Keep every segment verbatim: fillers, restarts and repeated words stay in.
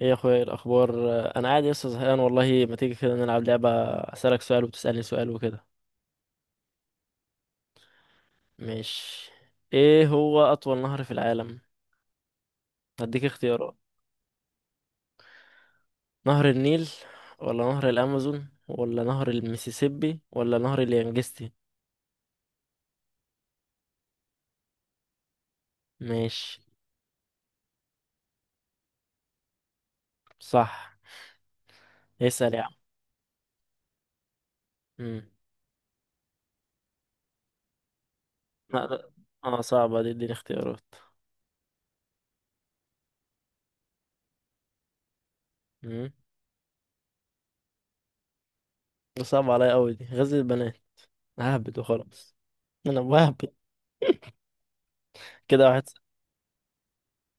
ايه يا اخويا، إيه الاخبار؟ انا قاعد لسه زهقان والله. ما تيجي كده نلعب لعبه اسالك سؤال وتسالني سؤال وكده، مش؟ ايه هو اطول نهر في العالم؟ هديك اختيارات. نهر النيل ولا نهر الامازون ولا نهر المسيسيبي ولا نهر اليانجستي؟ ماشي. صح. اسال يا عم. امم لا لا. اه صعبه دي، اديني اختيارات. امم ده صعب عليا قوي دي غزل البنات. ههبد وخلاص. انا بهبد. كده واحد صفر.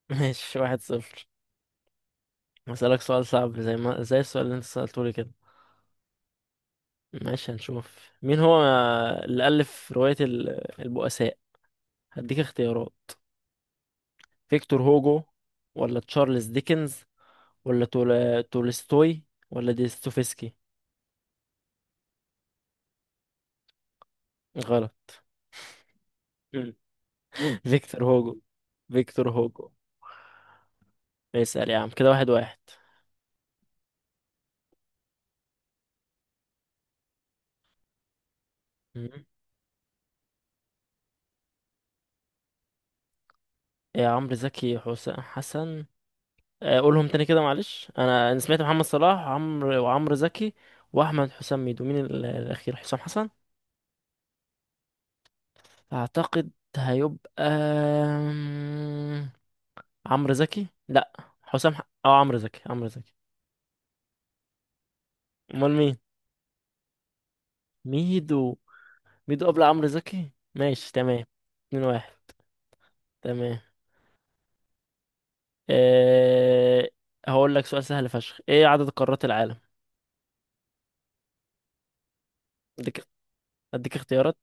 ماشي واحد صفر. هسألك سؤال صعب زي ما زي السؤال اللي انت سألته لي كده. ماشي هنشوف مين هو اللي ألف رواية ال- البؤساء. هديك اختيارات. فيكتور هوجو ولا تشارلز ديكنز ولا تول... تولستوي ولا ديستوفسكي؟ غلط. مم. فيكتور هوجو. فيكتور هوجو. اسأل يا عم كده واحد واحد. مم. يا عمرو زكي حسام حسن. آه، قولهم تاني كده، معلش انا انا سمعت محمد صلاح وعمرو وعمرو زكي واحمد حسام ميدو. مين ال- الاخير؟ حسام حسن اعتقد. هيبقى أمم، عمرو زكي لا، حسام حق. اه عمرو زكي، عمرو زكي. امال مين؟ ميدو. ميدو قبل عمرو زكي؟ ماشي تمام. اتنين واحد. تمام. أه... هقول لك سؤال سهل فشخ. ايه عدد قارات العالم؟ اديك. اديك اختيارات.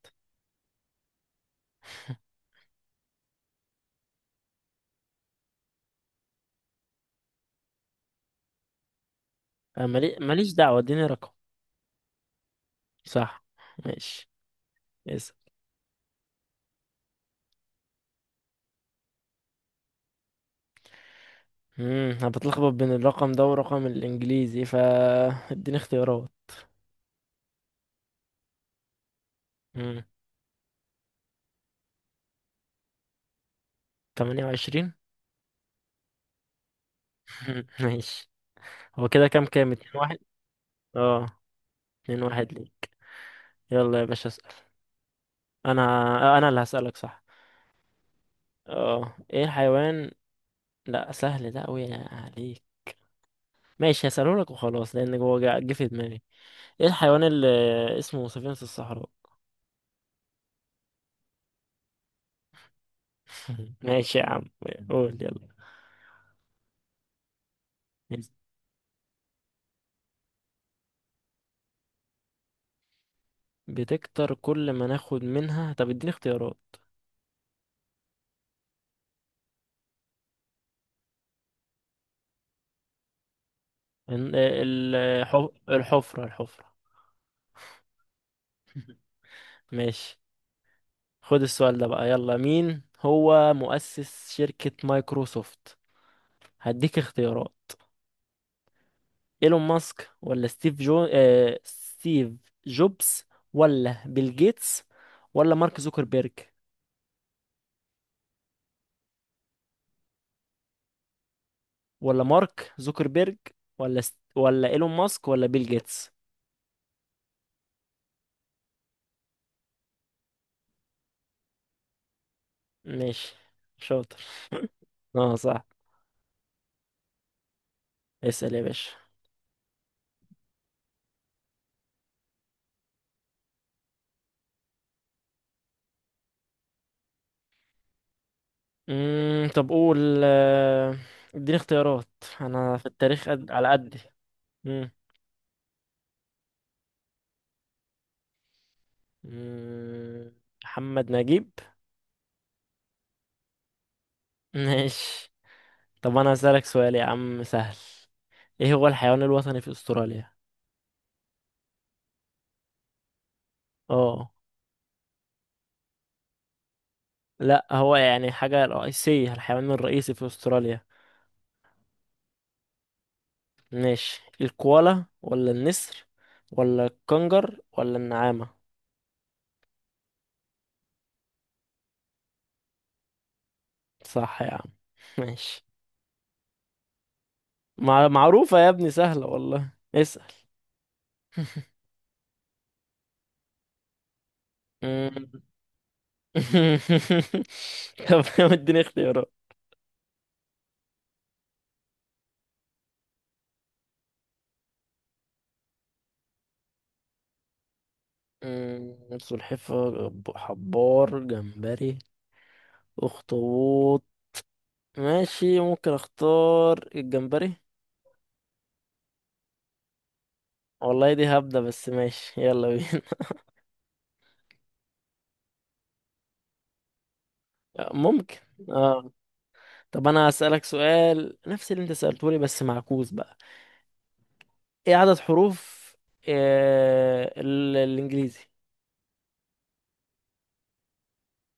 أه مالي... ماليش دعوة، اديني رقم. صح. ماشي. اسأل. مم، انا بتلخبط بين الرقم ده والرقم الانجليزي، فا اديني اختيارات. مم. تمانية وعشرين. ماشي. هو كده كام كام اتنين واحد. اه اتنين واحد ليك. يلا يا باشا اسأل. انا آه، انا اللي هسألك، صح. اه ايه الحيوان؟ لا سهل ده اوي عليك. ماشي هسأله لك وخلاص لان هو جا- جه في دماغي. ايه الحيوان اللي اسمه سفينة الصحراء؟ ماشي يا عم. قول يلا. بتكتر كل ما ناخد منها؟ طب اديني اختيارات. ال- ال- الحف- الحفرة. الحفرة. ماشي. خد السؤال ده بقى، يلا مين هو مؤسس شركة مايكروسوفت؟ هديك اختيارات. ايلون ماسك ولا ستيف جو آه... ستيف جوبز ولا بيل جيتس ولا مارك زوكربيرج. ولا مارك زوكربيرج ولا ست... ولا ايلون ماسك ولا بيل جيتس. ماشي شاطر. اه صح. اسأل يا باشا. امم طب قول. آه، اديني اختيارات. انا في التاريخ قد... على قدي. مم. مم، محمد نجيب. ماشي. طب انا هسألك سؤال يا عم سهل. ايه هو الحيوان الوطني في استراليا؟ اه. لا هو يعني حاجة رئيسية، الحيوان الرئيسي في استراليا. ماشي الكوالا ولا النسر ولا الكنجر ولا النعامة؟ صح يا عم. ماشي. مع... معروفة يا ابني، سهلة والله. اسأل. مم. طب اديني اختيارات. مم، سلحفاة، ب- حبار، جمبري، اخطبوط. ماشي ممكن اختار الجمبري. والله دي هبدة بس ماشي يلا بينا. ممكن. اه. طب انا هسألك سؤال نفس اللي انت سألته لي بس معكوس بقى. ايه عدد حروف آه... ال... الانجليزي؟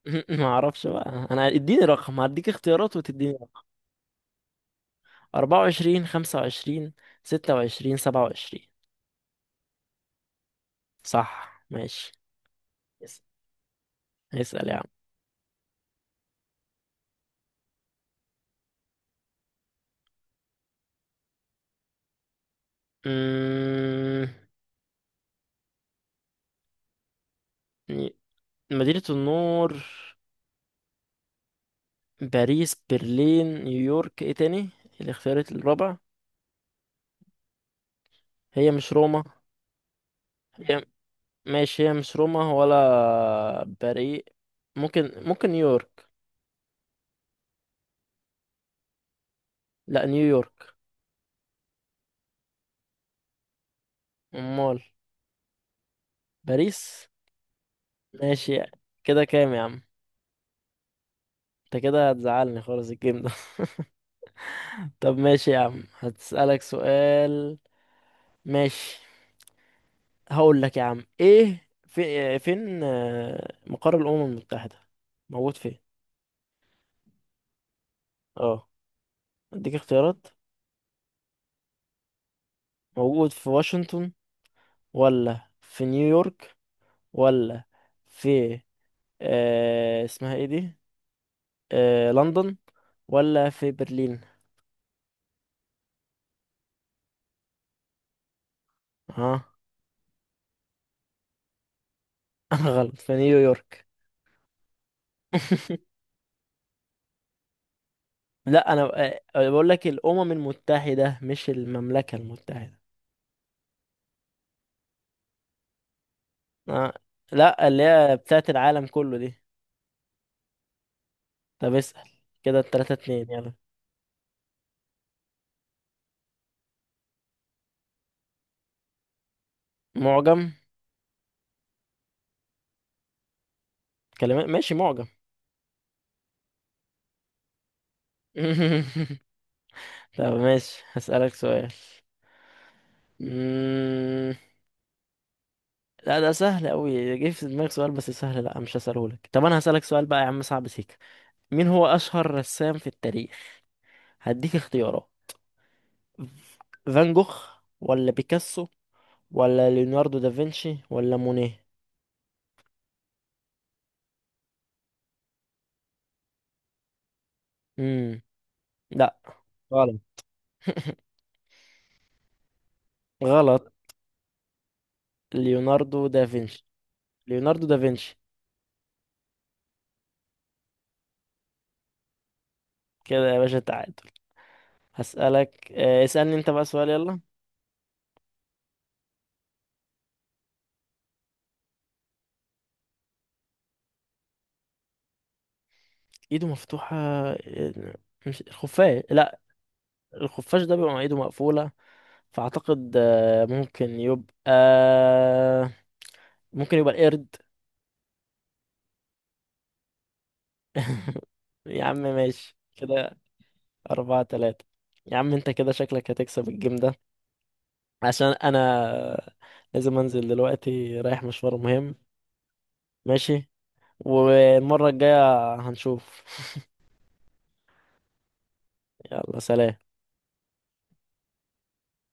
ما اعرفش بقى انا، اديني رقم. هديك اختيارات وتديني رقم. اربعة وعشرين، خمسة وعشرين، ستة وعشرين، سبعة وعشرين؟ صح. ماشي. اس- اسأل يا عم. أمم، مدينة النور. باريس، برلين، نيويورك، ايه تاني الاختيارات الرابع؟ هي مش روما. هي ماشي. هي مش روما ولا باريس. ممكن ممكن نيويورك. لا نيويورك. امال؟ باريس. ماشي. كده كام يا عم؟ انت كده هتزعلني خالص الجيم ده. طب ماشي يا عم هتسألك سؤال. ماشي. هقول لك يا عم ايه، في فين آه، مقر الأمم المتحدة؟ موجود فين؟ اه. اديك اختيارات. موجود في واشنطن ولا في نيويورك ولا في آه اسمها ايه دي، آه لندن ولا في برلين. اه. انا غلط. في نيويورك. لا انا آه، بقول لك الامم المتحده مش المملكه المتحده. آه. لا اللي هي بتاعت العالم كله دي. طب اسال. كده التلاتة اتنين، يلا. معجم كلمات. ماشي معجم. طب ماشي هسألك سؤال. مم... لا ده سهل قوي، جه في دماغي سؤال بس سهل، لا مش هسأله لك. طب انا هسألك سؤال بقى يا عم صعب سيكا. مين هو أشهر رسام في التاريخ؟ هديك اختيارات. فان جوخ ولا بيكاسو ولا ليوناردو دافنشي ولا مونيه؟ امم لا. غلط. غلط. ليوناردو دافنشي. ليوناردو دافنشي. كده يا باشا تعادل. هسألك آه، اسألني انت بقى سؤال يلا. ايده مفتوحة آه، مش الخفاش لا. الخفاش ده بيبقى مع ايده مقفولة. فأعتقد آه، ممكن يبقى آه، ممكن يبقى القرد. يا عم ماشي. كده أربعة تلاتة. يا عم انت كده شكلك هتكسب الجيم ده. عشان انا لازم انزل دلوقتي رايح مشوار مهم. ماشي. والمرة الجاية هنشوف. يلا سلام.